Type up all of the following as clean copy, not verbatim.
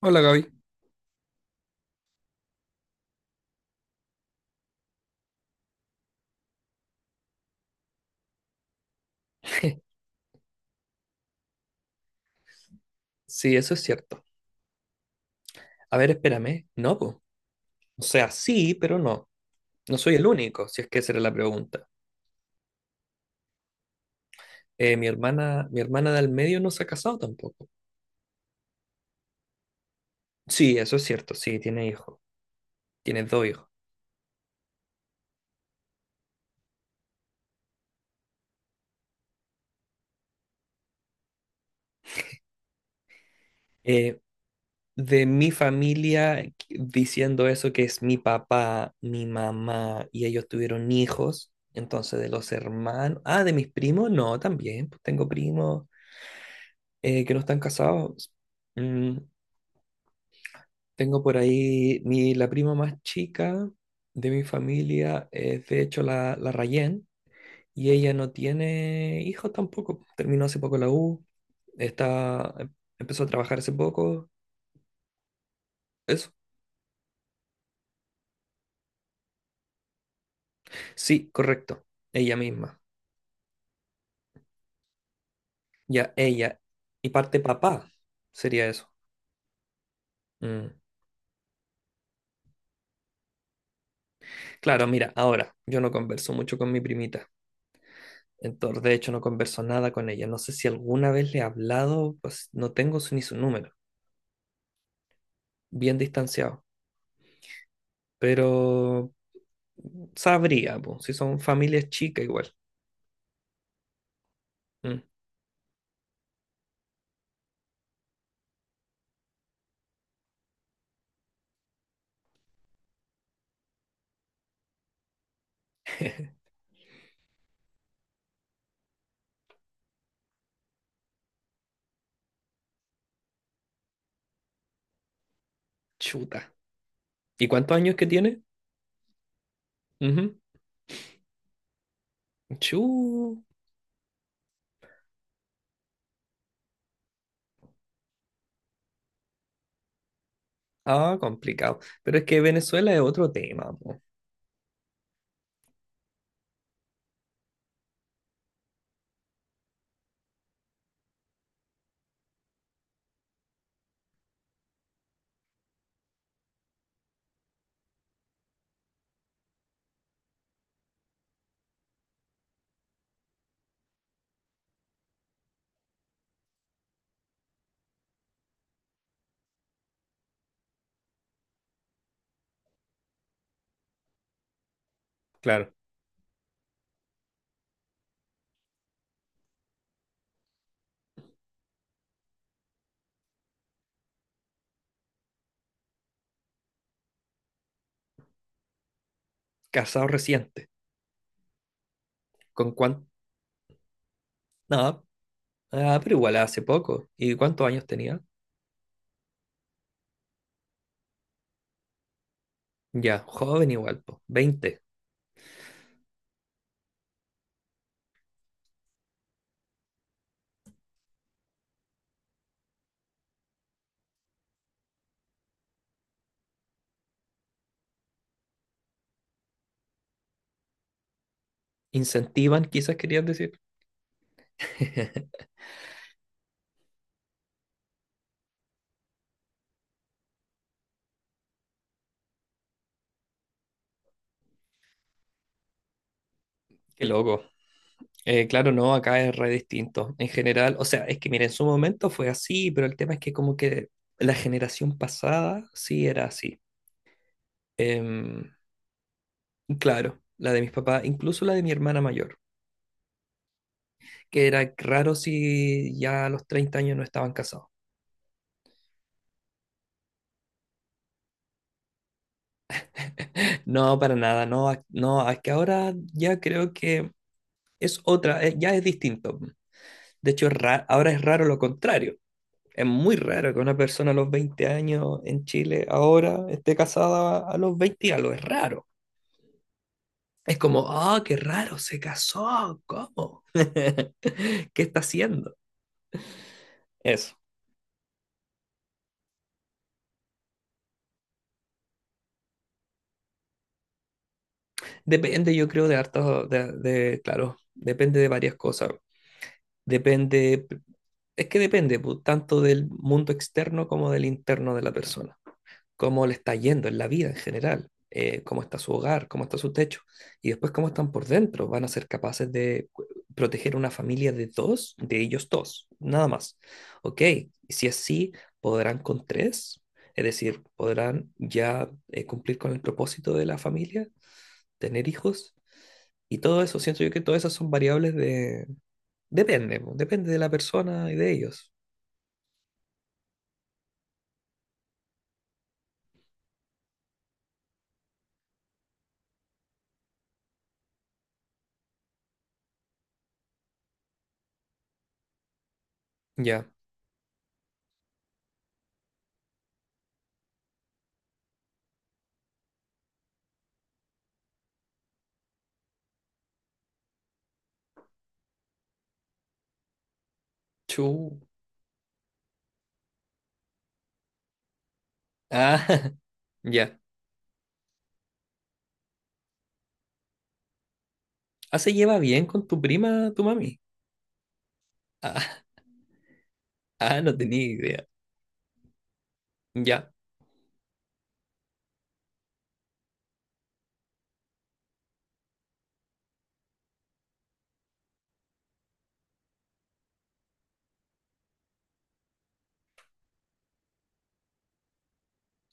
Hola Gaby. Sí, eso es cierto. A ver, espérame. No, pues. O sea, sí, pero no. No soy el único, si es que esa era la pregunta. Mi hermana del medio no se ha casado tampoco. Sí, eso es cierto. Sí, tiene hijos. Tiene dos hijos. Eh, de mi familia, diciendo eso que es mi papá, mi mamá y ellos tuvieron hijos. Entonces, de los hermanos. Ah, de mis primos, no, también. Pues tengo primos que no están casados. Mm, Tengo por ahí la prima más chica de mi familia, es de hecho la Rayen y ella no tiene hijos tampoco. Terminó hace poco la U, está, em- empezó a trabajar hace poco. Eso. Sí, correcto. Ella misma. Ya, ella. Y parte papá sería eso. Mm. Claro, mira, ahora yo no converso mucho con mi primita. Entonces, de hecho, no converso nada con ella. No sé si alguna vez le he hablado, pues no tengo ni su número. Bien distanciado, pero sabría, po, si son familias chicas igual. Mm. Chuta. ¿Y cuántos años que tiene? Ujú. Chu. Ah, complicado. Pero es que Venezuela es otro tema, po. Claro. Casado reciente. ¿Con cuánto? No. Ah, pero igual hace poco. ¿Y cuántos años tenía? Ya, joven igual, po. 20. Incentivan, quizás querías decir. Qué loco. Claro, no, acá es re distinto. En general, o sea, es que mira, en su momento fue así, pero el tema es que como que la generación pasada sí era así. Em, claro, la de mis papás, incluso la de mi hermana mayor, que era raro si ya a los 30 años no estaban casados. No, para nada, no, no, es que ahora ya creo que es otra, ya es distinto. De hecho, ahora es raro lo contrario. Es muy raro que una persona a los 20 años en Chile ahora esté casada a los 20 y algo. Es raro. Es como, ah, qué raro, se casó. ¿Cómo? ¿Qué está haciendo? Eso. Depende, yo creo, de hartos, de, claro, depende de varias cosas. Depende, es que depende, pu, tanto del mundo externo como del interno de la persona. Cómo le está yendo en la vida en general, cómo está su hogar, cómo está su techo, y después cómo están por dentro. Van a ser capaces de proteger una familia de dos, de ellos dos, nada más. Ok, si es así, podrán con tres, es decir, podrán ya cumplir con el propósito de la familia, tener hijos, y todo eso, siento yo que todas esas son variables de… Depende, po, depende de la persona y de ellos. Ya, chu. Ah, ya. ¿Ah, se lleva bien con tu prima, tu mami? Ah, ah, no tenía idea. Ya,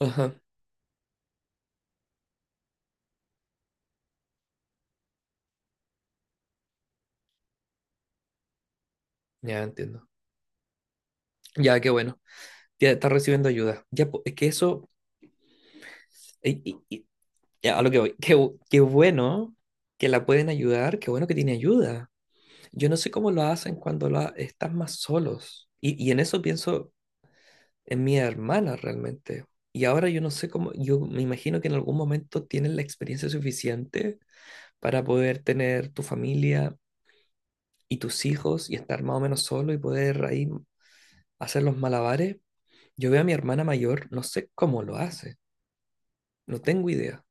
ajá, ya entiendo. Ya, qué bueno. Ya está recibiendo ayuda. Ya, es que eso, y- y- y- ya, a lo que voy. Qué bueno que la pueden ayudar, qué bueno que tiene ayuda. Yo no sé cómo lo hacen cuando están más solos. Y en eso pienso en mi hermana realmente. Y ahora yo no sé cómo, yo me imagino que en algún momento tienen la experiencia suficiente para poder tener tu familia y tus hijos y estar más o menos solo y poder ahí hacer los malabares. Yo veo a mi hermana mayor, no sé cómo lo hace, no tengo idea.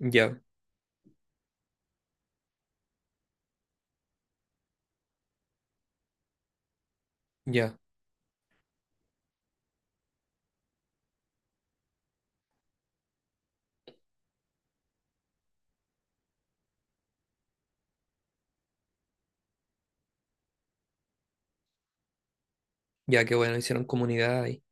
Ya, ya, ya que bueno, hicieron comunidad ahí.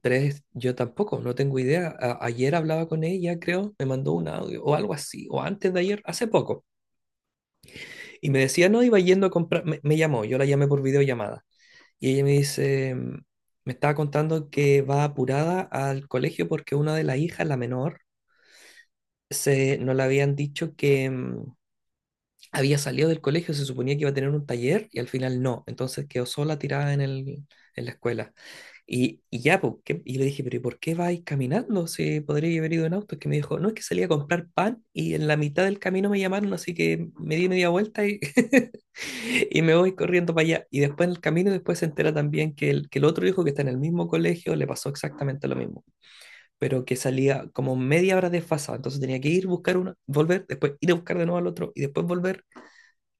Tres, yo tampoco, no tengo idea. Ayer hablaba con ella, creo, me mandó un audio o algo así, o antes de ayer, hace poco. Y me decía, no, iba yendo a comprar, me llamó, yo la llamé por videollamada. Y ella me dice, me estaba contando que va apurada al colegio porque una de las hijas, la menor, no le habían dicho que, había salido del colegio, se suponía que iba a tener un taller y al final no. Entonces quedó sola tirada en la escuela. Y ya, po, ¿qué? Y le dije, pero ¿y por qué vais caminando si podría haber ido en auto? Es que me dijo, no, es que salí a comprar pan y en la mitad del camino me llamaron, así que me di media vuelta y, y me voy corriendo para allá. Y después en el camino, después se entera también que el otro hijo que está en el mismo colegio le pasó exactamente lo mismo, pero que salía como media hora desfasado, entonces tenía que ir, buscar uno, volver, después ir a buscar de nuevo al otro y después volver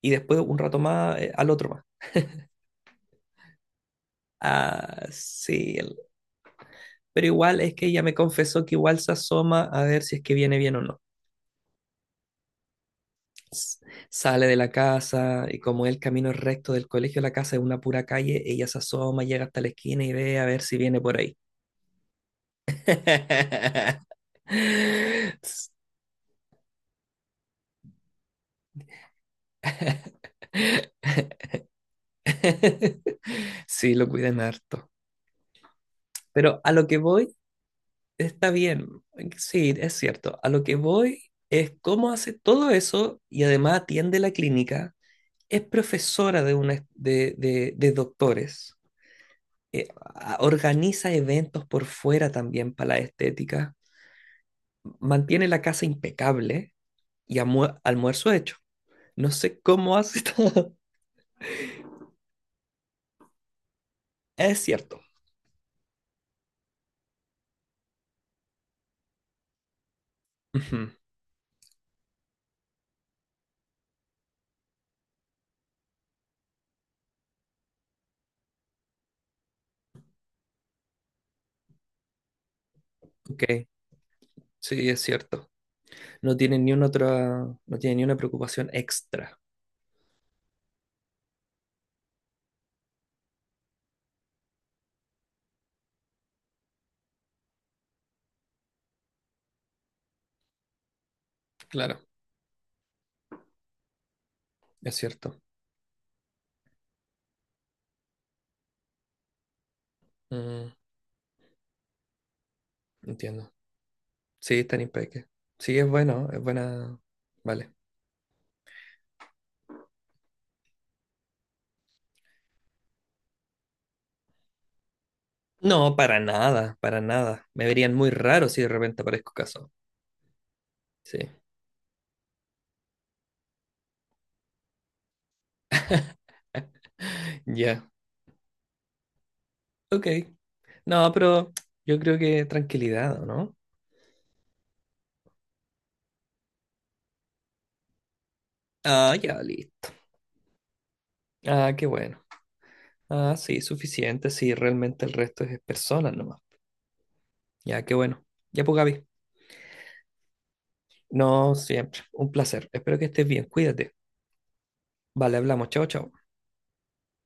y después un rato más al otro más. Ah, sí, pero igual es que ella me confesó que igual se asoma a ver si es que viene bien o no. S- Sale de la casa y como el camino es recto del colegio a la casa es una pura calle, ella se asoma, llega hasta la esquina y ve a ver si viene por ahí. Sí, lo cuidan harto. Pero a lo que voy. Está bien, sí, es cierto. A lo que voy es cómo hace todo eso y además atiende la clínica. Es profesora de, una, de doctores. eh, Organiza eventos por fuera también para la estética. Mantiene la casa impecable y almuerzo hecho. No sé cómo hace todo. Es cierto. Ujú. Ok, sí, es cierto. No tiene ni una otra, no tiene ni una preocupación extra. Claro, es cierto. Mm, Entiendo. Sí, está en Impeque. Sí, es bueno, es buena. Vale. No, para nada, para nada. Me verían muy raro si de repente aparezco caso. Sí. Ya. Ok. No, pero yo creo que tranquilidad, ¿o no? Ah, ya, listo. Ah, qué bueno. Ah, sí, suficiente. Sí, realmente el resto es personas nomás. Ya, qué bueno. Ya, pues, Gaby. No, siempre. Un placer. Espero que estés bien. Cuídate. Vale, hablamos. Chao, chao.